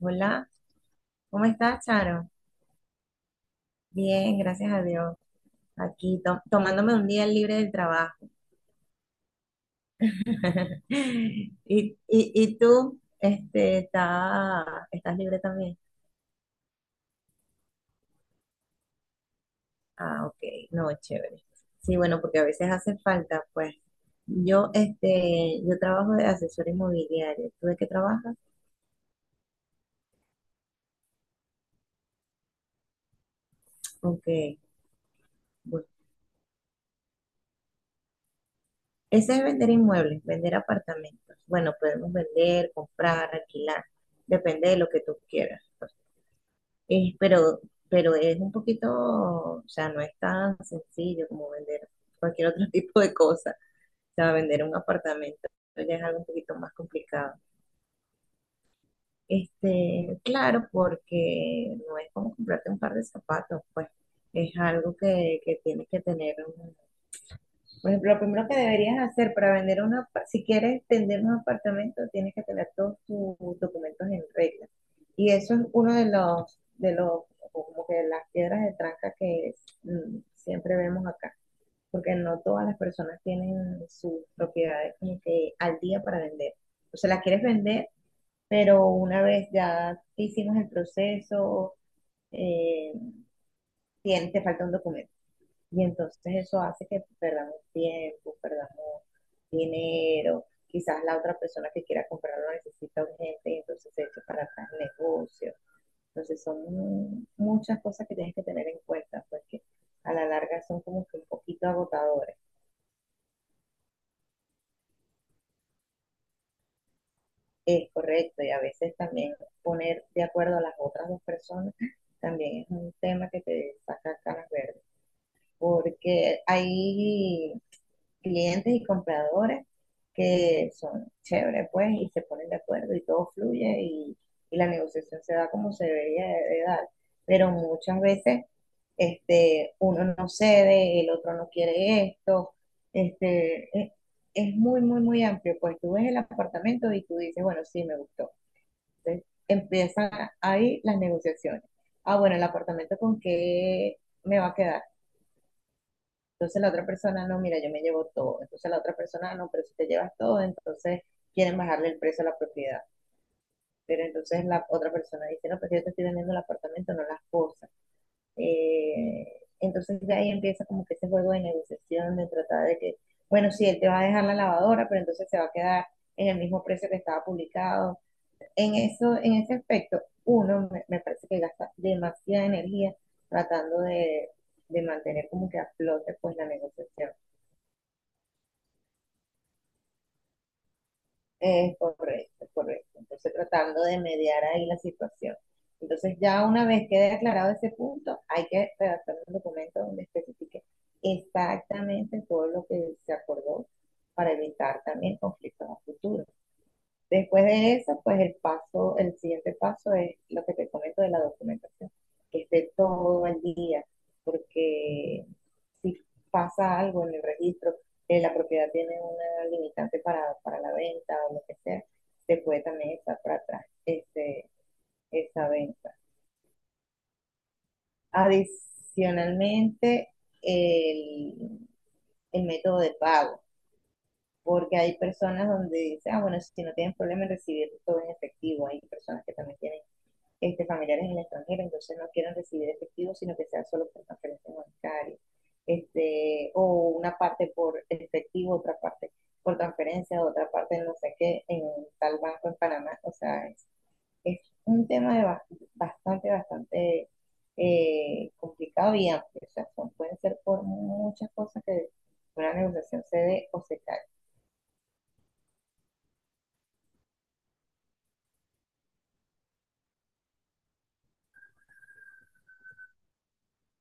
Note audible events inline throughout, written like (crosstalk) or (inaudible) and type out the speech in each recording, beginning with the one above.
Hola, ¿cómo estás, Charo? Bien, gracias a Dios. Aquí tomándome un día libre del trabajo. (laughs) ¿Y, y tú, estás libre también? Ah, ok, no, chévere. Sí, bueno, porque a veces hace falta, pues. Yo trabajo de asesor inmobiliario. ¿Tú de qué trabajas? Ok, bueno. Ese es vender inmuebles, vender apartamentos. Bueno, podemos vender, comprar, alquilar, depende de lo que tú quieras, pues. Es, pero, pero es un poquito, o sea, no es tan sencillo como vender cualquier otro (laughs) tipo de cosa. O sea, vender un apartamento ya es algo un poquito más complicado. Claro, porque no es como comprarte un par de zapatos, pues es algo que tienes que tener, por ejemplo, lo primero que deberías hacer para vender si quieres vender un apartamento, tienes que tener todos tus documentos en regla. Y eso es uno de los, como que las piedras de tranca que siempre vemos acá, porque no todas las personas tienen sus propiedades como que al día para vender. O sea, las quieres vender, pero una vez ya hicimos el proceso, eh, te falta un documento. Y entonces eso hace que perdamos tiempo, perdamos dinero. Quizás la otra persona que quiera comprarlo necesita urgente y entonces se echa para atrás el negocio. Entonces son muchas cosas que tienes que tener en cuenta porque a la larga son como que un poquito agotadores. Es correcto y a veces también poner de acuerdo a las otras dos personas también es un tema que te saca canas verdes porque hay clientes y compradores que son chéveres, pues, y se ponen de acuerdo y todo fluye y la negociación se da como se debería de dar. Pero muchas veces uno no cede, el otro no quiere esto, este, es, es muy, muy, muy amplio. Pues tú ves el apartamento y tú dices, bueno, sí, me gustó. Entonces empiezan ahí las negociaciones. Ah, bueno, el apartamento con qué me va a quedar. Entonces la otra persona, no, mira, yo me llevo todo. Entonces la otra persona, no, pero si te llevas todo, entonces quieren bajarle el precio a la propiedad. Pero entonces la otra persona dice, no, pues yo te estoy vendiendo el apartamento, no las cosas. Eh, entonces de ahí empieza como que ese juego de negociación, de tratar de que, bueno, sí, él te va a dejar la lavadora, pero entonces se va a quedar en el mismo precio que estaba publicado. En eso, en ese aspecto, uno me parece que gasta demasiada energía tratando de mantener como que a flote pues la negociación. Es correcto, es correcto. Entonces tratando de mediar ahí la situación. Entonces ya una vez quede aclarado ese punto, hay que redactar un documento donde especifique exactamente todo lo que se acordó para evitar también conflictos a futuro. Después de eso, pues el paso, el siguiente paso es lo que te comento de la documentación, que esté todo al día, porque si pasa algo en el registro, la propiedad tiene una limitante para, la venta o lo que sea, se puede también estar para atrás esa venta. Adicionalmente, el, el método de pago porque hay personas donde dicen, ah, bueno, si no tienen problema en recibir todo en efectivo, hay personas que también tienen familiares en el extranjero, entonces no quieran recibir efectivo, sino que sea solo por transferencia bancaria, o una parte por efectivo, otra parte por transferencia, otra parte no sé qué, en tal banco en Panamá, o sea, es, es un tema bastante complicado y amplio, o sea, pueden ser por muchas cosas que una negociación se dé o se cae.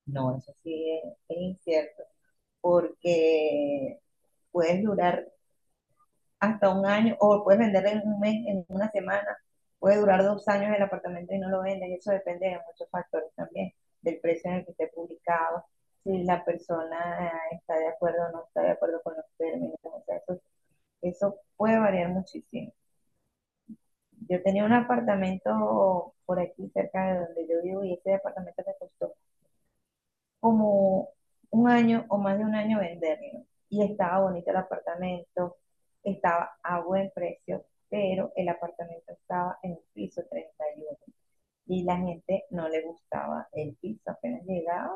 No, eso sí es incierto, porque puedes durar hasta un año, o puedes venderlo en un mes, en una semana, puede durar 2 años el apartamento y no lo vendes, eso depende de muchos factores también, del precio en el que esté publicado, si la persona está de acuerdo o no está de acuerdo con los términos, o sea, eso puede variar muchísimo. Yo tenía un apartamento por aquí cerca de donde yo vivo y ese apartamento me costó como un año o más de un año venderlo. Y estaba bonito el apartamento, estaba a buen precio, pero el apartamento estaba en el piso 31 y la gente no le gustaba el piso. Apenas llegaba,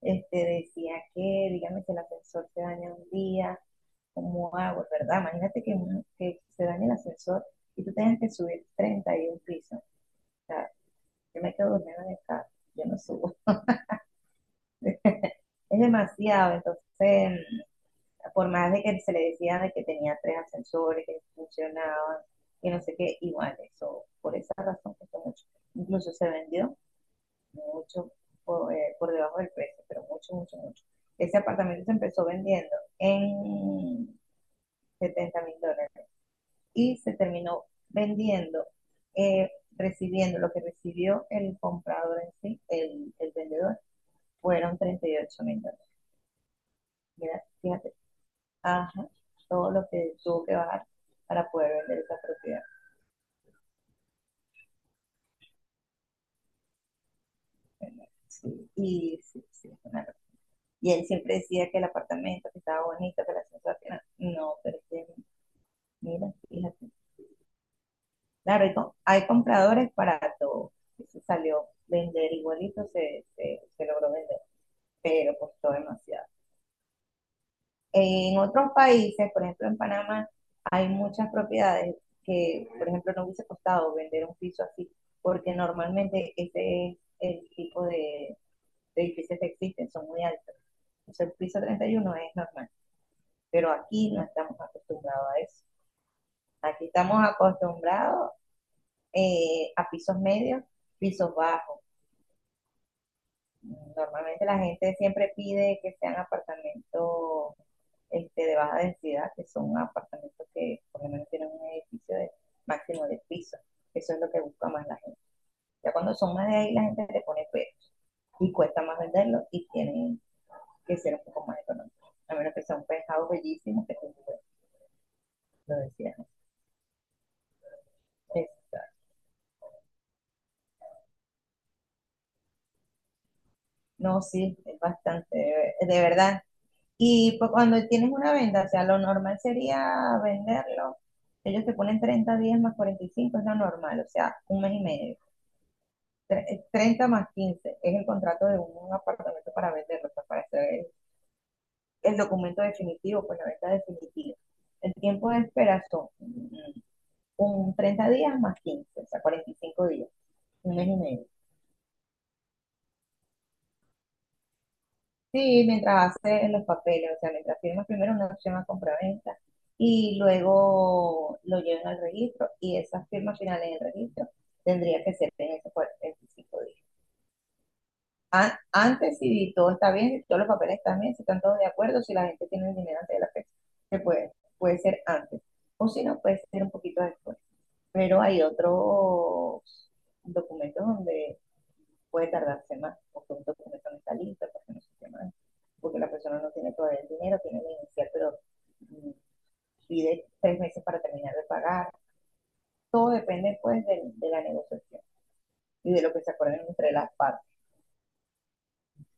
decía dígame que el ascensor se daña un día, ¿cómo hago? ¿Verdad? Imagínate que se dañe el ascensor y tú tengas que subir 31 pisos. O sea, yo me quedo durmiendo en el carro, yo no subo. Es demasiado, entonces por más de que se le decía de que tenía tres ascensores, que funcionaban, que no sé qué, igual eso, por esa razón costó mucho. Incluso se vendió mucho por debajo del precio, pero mucho, mucho, mucho. Ese apartamento se empezó vendiendo en $70.000 y se terminó vendiendo, eh, recibiendo lo que recibió el comprador en sí, el vendedor, fueron $38.000. Fíjate, ajá, todo lo que tuvo que bajar para poder vender esa propiedad. Bueno, sí, sí, sí, es una locura. Y él siempre decía que el apartamento que estaba bonito, que la sensación, no, pero es que, mira, fíjate. Claro, hay compradores para todo. Y se salió vender igualito, se logró vender, pero costó demasiado. En otros países, por ejemplo en Panamá, hay muchas propiedades que, por ejemplo, no hubiese costado vender un piso así, porque normalmente ese es el tipo de edificios que existen, son muy altos. Entonces el piso 31 es normal, pero aquí no estamos acostumbrados a eso. Aquí estamos acostumbrados a pisos medios, pisos bajos. Normalmente la gente siempre pide que sean apartamentos de baja densidad, que son apartamentos que por lo menos tienen un edificio de máximo de piso. Eso es lo que busca más la gente. Ya cuando son más de ahí, la gente le pone pesos y cuesta más venderlos y tienen que ser un poco más económicos. A menos que sean pescados bellísimos que lo decías. No, sí, es bastante, de verdad. Y pues cuando tienes una venta, o sea, lo normal sería venderlo. Ellos te ponen 30 días más 45, es lo normal, o sea, un mes y medio. 30 más 15 es el contrato de un apartamento para venderlo, o sea, para hacer el documento definitivo, pues la venta definitiva. El tiempo de espera son un 30 días más 15, o sea, 45 días, un mes y medio. Sí, mientras hace los papeles, o sea, mientras firma primero una opción a compraventa y luego lo llevan al registro y esas firmas finales en el registro tendría que ser en esos 45 días. Antes, si todo está bien, si todos los papeles están bien, si están todos de acuerdo, si la gente tiene el dinero antes de la fecha, se puede, puede ser antes. O si no, puede ser un poquito después. Pero hay otros documentos donde puede tardar semanas, los productos que no están listos, porque no se semanas, porque la persona no tiene todavía el dinero, tiene que iniciar, pero mm, pide 3 meses para terminar de pagar. Todo depende pues de la negociación y de lo que se acuerden entre las partes.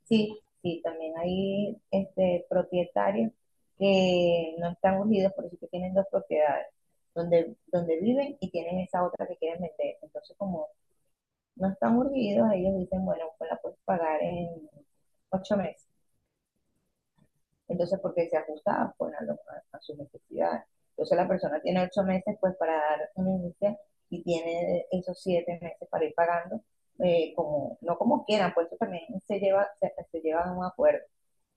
Sí, sí, también hay propietarios que no están unidos, por eso que tienen dos propiedades, donde viven y tienen esa otra que quieren vender. Entonces, como no están urgidos, ellos dicen, bueno, pues la puedes pagar en 8 meses. Entonces, porque se ajusta pues, a sus necesidades. Entonces, la persona tiene 8 meses pues, para dar un inicio y tiene esos 7 meses para ir pagando, no como quieran, pues eso también se lleva, se lleva a un acuerdo.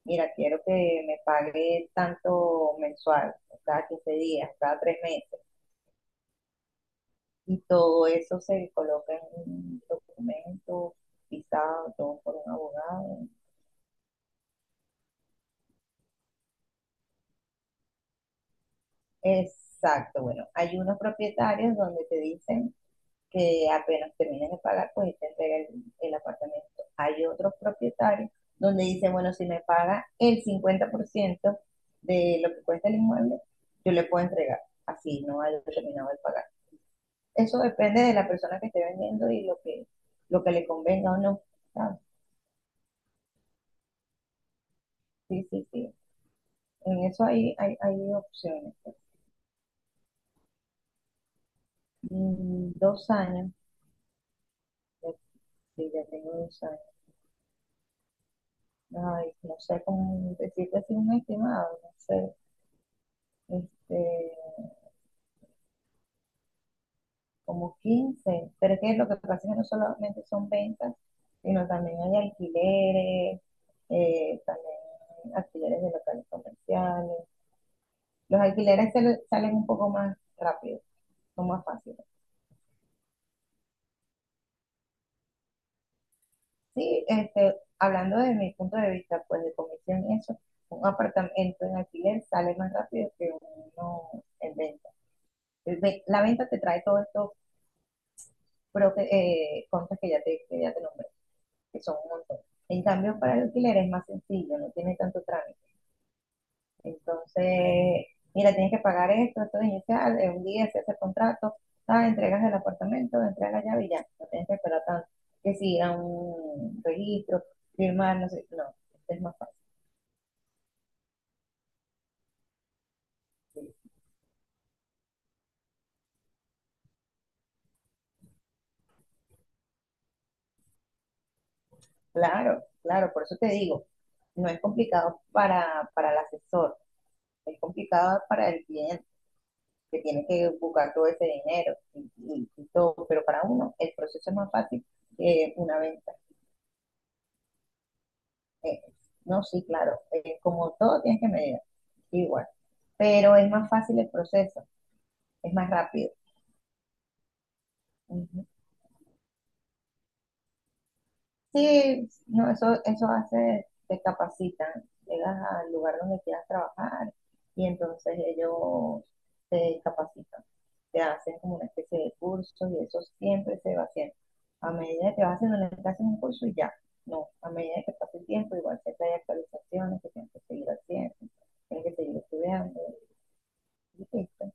Mira, quiero que me pague tanto mensual, cada 15 días, cada 3 meses, y todo eso se coloca en un documento pisado, todo por un abogado. Exacto, bueno, hay unos propietarios donde te dicen que apenas termines de pagar, pues te entrega el apartamento. Hay otros propietarios donde dicen, bueno, si me paga el 50% de lo que cuesta el inmueble, yo le puedo entregar, así no haya terminado de pagar. Eso depende de la persona que esté vendiendo y lo que le convenga o no. ¿Sabes? Sí, sí, sí. En eso hay opciones. Dos años, sí, ya tengo 2 años. Ay, no sé cómo decirte así un estimado, no sé, este, como 15 pero es que lo que pasa es que no solamente son ventas, sino también hay alquileres, también alquileres de locales comerciales. Los alquileres salen un poco más rápido, son más fáciles. Sí, hablando de mi punto de vista, pues de comisión eso, un apartamento en alquiler sale más rápido que uno en venta. La venta te trae todos estos contras que ya te nombré. Que son un montón. En cambio, para el alquiler es más sencillo, no tiene tanto trámite. Entonces, mira, tienes que pagar esto, esto de inicial, en un día se hace el contrato, tal, entregas el apartamento, entregas la llave y ya, no tienes que esperar tanto. Que si ir a un registro, firmar, no sé, no, este es más fácil. Claro, claro, por eso te digo, no es complicado para, el asesor, es complicado para el cliente que tienes que buscar todo ese dinero y todo, pero para uno el proceso es más fácil que una venta. Eh, no, sí, claro, como todo tienes que medir, igual, pero es más fácil el proceso, es más rápido. Ujú. Sí, no, eso hace, te capacitan, llegas al lugar donde quieras trabajar y entonces ellos te capacitan, te hacen como una especie de curso y eso siempre se va haciendo. A medida que vas haciendo, le hacen un curso y ya, no, a medida que pasa el tiempo, igual siempre hay actualizaciones que tienes que seguir haciendo, tienes que seguir estudiando, y listo.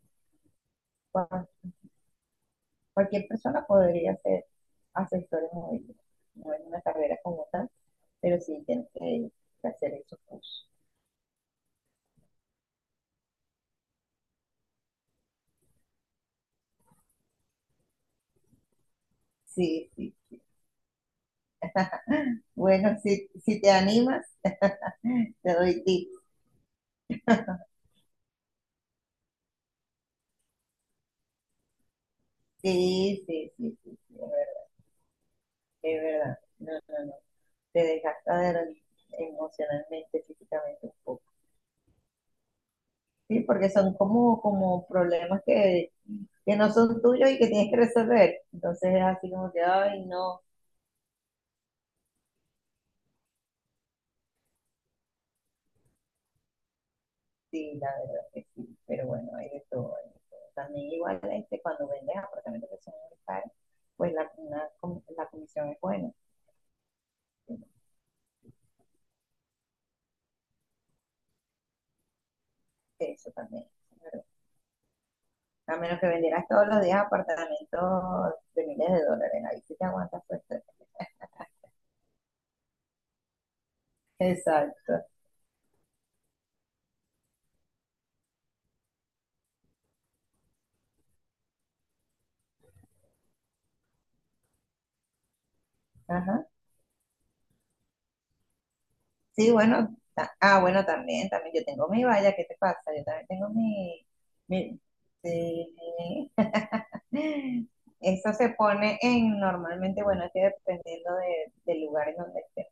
Cualquier persona podría ser asesor inmobiliario, no es una carrera como tal, pero sí tienes que hacer esos cursos. Sí, sí, sí. Bueno, si te animas, te doy tips. Sí, sí, sí, sí, sí, es verdad, es verdad. No, no, no. Te desgasta emocionalmente, físicamente un poco. Sí, porque son como problemas que no son tuyos y que tienes que resolver. Entonces es así como que, ay, no. Sí, la verdad que sí, pero bueno, hay de todo. Hay de todo. También igual cuando vendes apartamentos que son muy caros, pues la comisión es buena. Eso también. Claro. A menos que vendieras todos los días apartamentos de miles de dólares, ahí sí te aguantas pues. (laughs) Exacto. Ajá. Sí, bueno, también, también yo tengo mi valla, ¿qué te pasa? Yo también tengo mi, sí, Eso se pone en, normalmente, bueno, es que dependiendo del lugar en donde se,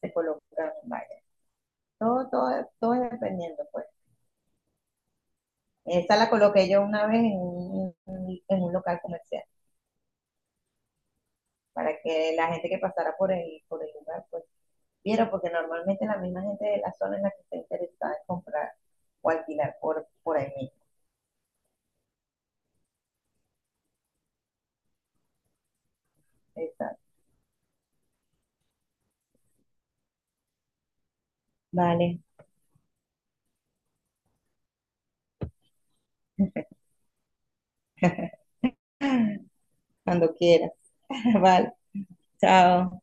se colocan vallas. Todo, todo, todo es dependiendo, pues. Esa la coloqué yo una vez en un local comercial, para que la gente que pasara por el lugar, pues, viera, porque normalmente la misma gente de la zona en la que está interesada en comprar o alquilar por ahí mismo. Exacto. Vale, (laughs) cuando quieras. (laughs) Vale, chao.